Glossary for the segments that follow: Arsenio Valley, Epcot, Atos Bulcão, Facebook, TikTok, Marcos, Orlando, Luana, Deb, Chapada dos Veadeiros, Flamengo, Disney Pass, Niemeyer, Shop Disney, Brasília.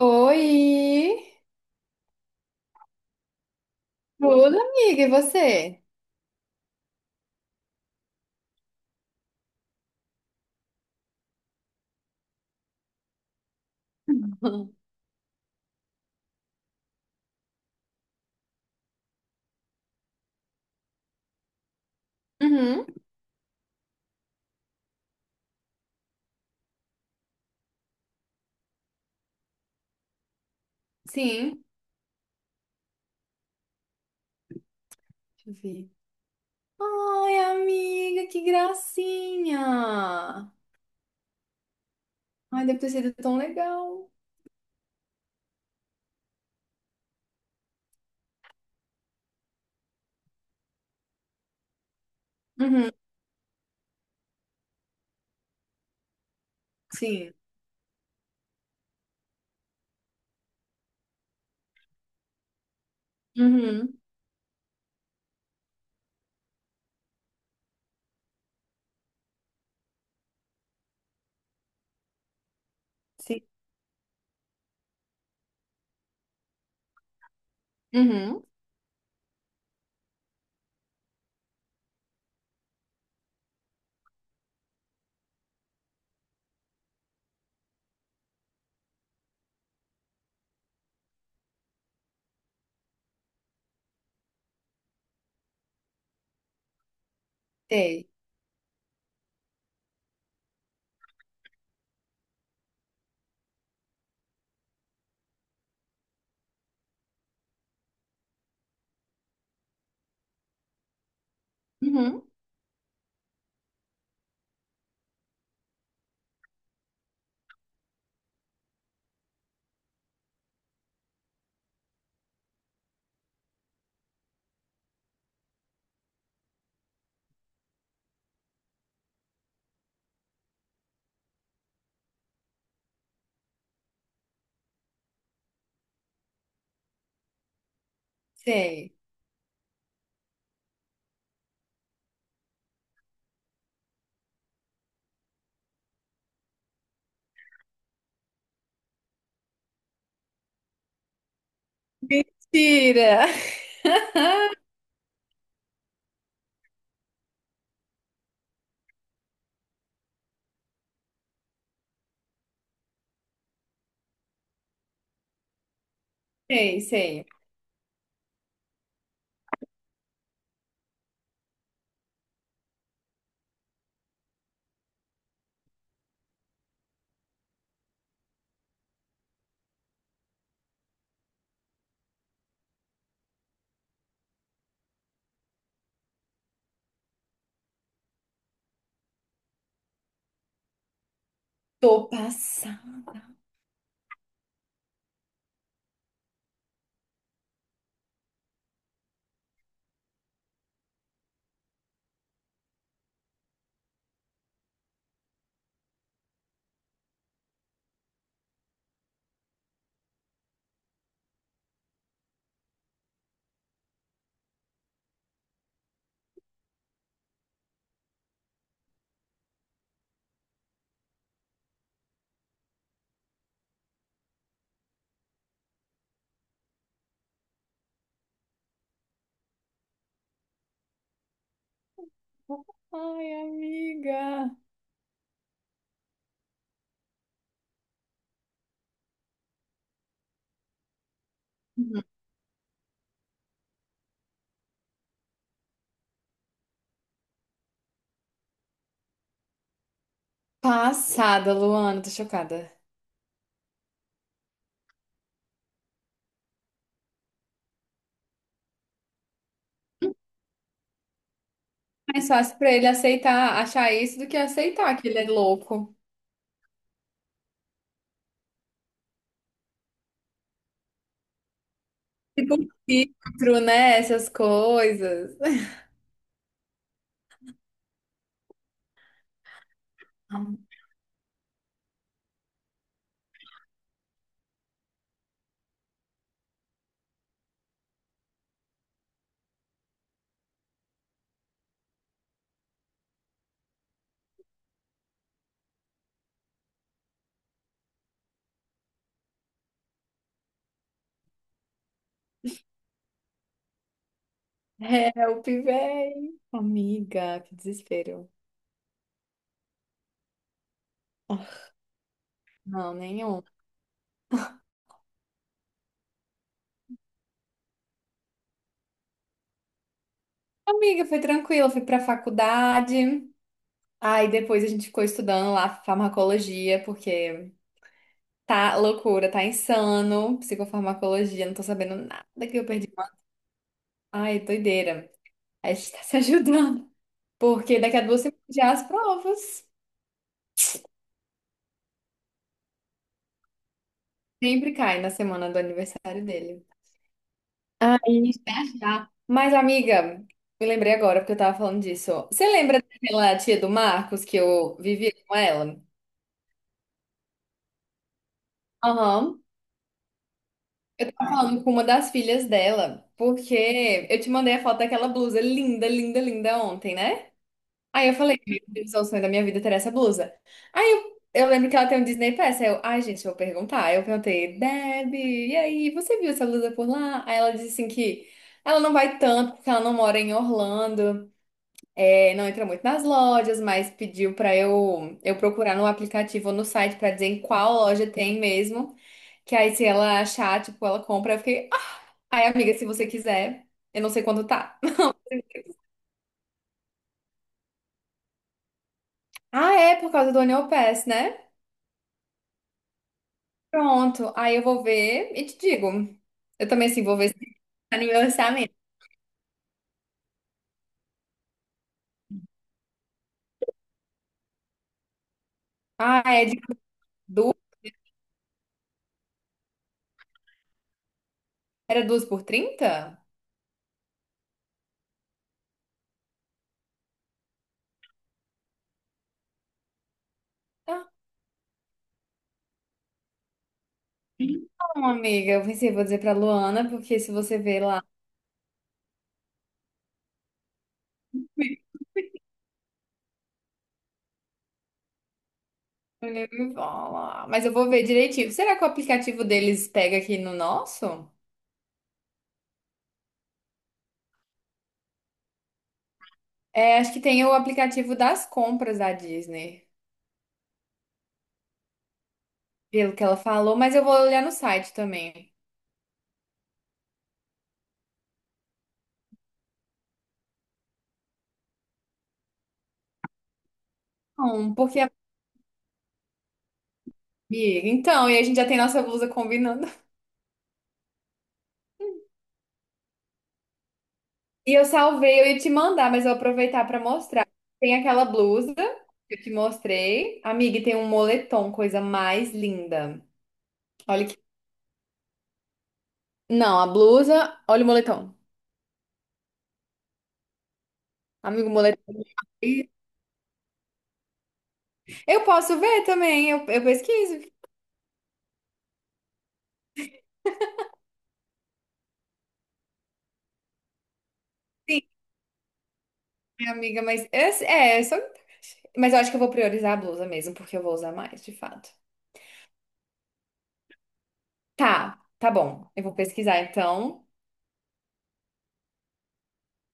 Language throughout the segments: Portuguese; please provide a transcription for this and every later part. Oi! Tudo, amiga, e você? Uhum, sim. Deixa eu ver. Ai, amiga, que gracinha! Ai, deve ter sido tão legal. Uhum, sim. Uhum, sim. Uhum, sei, uhum. Sei. Mentira! Sei, sei. Tô passada. Ai, amiga. Uhum. Passada, Luana, tô chocada. Mais fácil pra ele aceitar, achar isso do que aceitar que ele é louco. Tipo, um filtro, né? Essas coisas. Help, véi. Amiga, que desespero. Não, nenhum. Amiga, foi tranquilo, fui pra faculdade. Aí depois a gente ficou estudando lá farmacologia, porque tá loucura, tá insano. Psicofarmacologia, não tô sabendo nada que eu perdi. Ai, doideira. A gente tá se ajudando. Porque daqui a 2 semanas já as provas. Sempre cai na semana do aniversário dele. Aí, já. Mas, amiga, me lembrei agora porque eu tava falando disso. Você lembra daquela tia do Marcos que eu vivia com ela? Aham. Eu tava falando com uma das filhas dela, porque eu te mandei a foto daquela blusa linda, linda, linda ontem, né? Aí eu falei, meu Deus, é o sonho da minha vida ter essa blusa. Aí eu lembro que ela tem um Disney Pass. Aí eu, ai, gente, eu vou perguntar. Aí eu perguntei, Deb, e aí, você viu essa blusa por lá? Aí ela disse assim que ela não vai tanto, porque ela não mora em Orlando, é, não entra muito nas lojas, mas pediu pra eu procurar no aplicativo ou no site pra dizer em qual loja tem mesmo. Que aí se ela achar, tipo, ela compra. Eu fiquei, ah, aí, amiga, se você quiser, eu não sei quanto tá. Ah, é, por causa do Annual Pass, né? Pronto, aí eu vou ver e te digo. Eu também, assim, vou ver se tá no meu orçamento. Ah, é de duas, era 2 por 30. Ah, então, amiga, eu pensei, vou dizer pra Luana, porque se você ver lá, ele me fala. Mas eu vou ver direitinho. Será que o aplicativo deles pega aqui no nosso? É, acho que tem o aplicativo das compras da Disney, pelo que ela falou, mas eu vou olhar no site também. Não, porque, amiga, então, e a gente já tem nossa blusa combinando. E eu salvei, eu ia te mandar, mas eu vou aproveitar para mostrar. Tem aquela blusa que eu te mostrei. Amiga, e tem um moletom, coisa mais linda. Olha que. Não, a blusa, olha o moletom. Amigo, o moletom. Eu posso ver também, eu pesquiso. Sim, minha amiga, mas eu só... Mas eu acho que eu vou priorizar a blusa mesmo, porque eu vou usar mais, de fato. Tá, tá bom. Eu vou pesquisar então.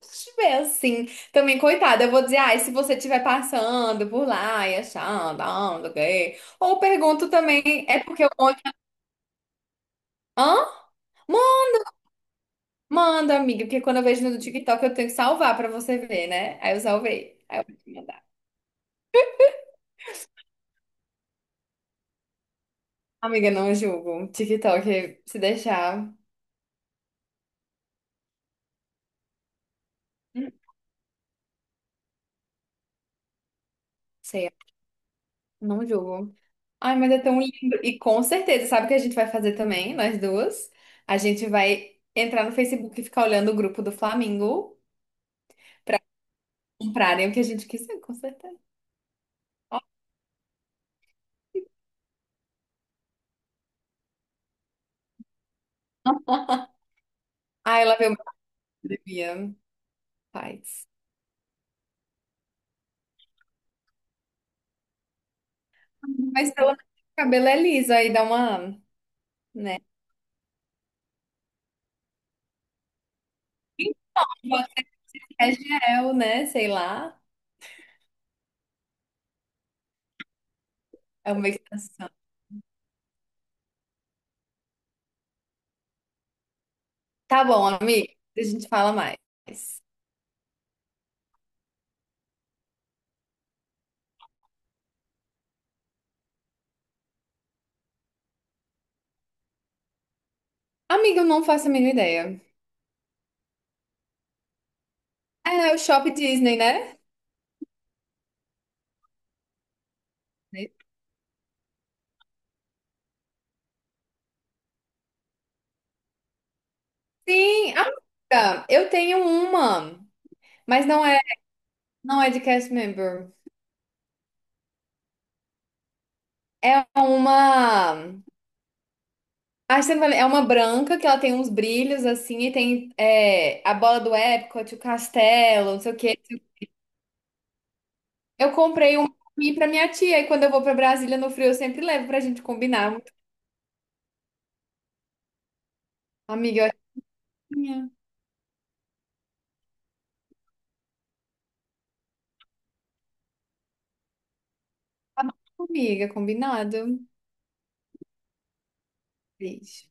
Se tiver assim, também, coitada, eu vou dizer, ai, se você estiver passando por lá e achando, ah, não sei o quê. Ou pergunto também, é porque eu mando. Hã? Ma- Manda, amiga, porque quando eu vejo no TikTok eu tenho que salvar pra você ver, né? Aí eu salvei. Aí eu vou te mandar. Amiga, não julgo. TikTok, se deixar, hum, sei, não julgo. Ai, mas é tão lindo. E com certeza, sabe o que a gente vai fazer também, nós duas? A gente vai entrar no Facebook e ficar olhando o grupo do Flamengo. Comprarem o que a gente quiser, com certeza. Ah, ela veio uma academia, faz. Mas pelo menos o cabelo é liso, aí dá uma, né? Pode ser que é gel, né? Sei lá. É uma extensão. Tá bom, amiga. A gente fala mais. Amiga, eu não faço a mínima ideia. É o Shop Disney, né? Sim, amiga, eu tenho uma, mas não é de cast member. É uma. A Arsenio Valley é uma branca que ela tem uns brilhos assim e tem a bola do Epcot, o castelo, não sei o quê. Eu comprei um pra mim e pra minha tia e quando eu vou pra Brasília no frio eu sempre levo pra gente combinar. Amiga, eu acho que minha. Tá bom, amiga, combinado. Beijo.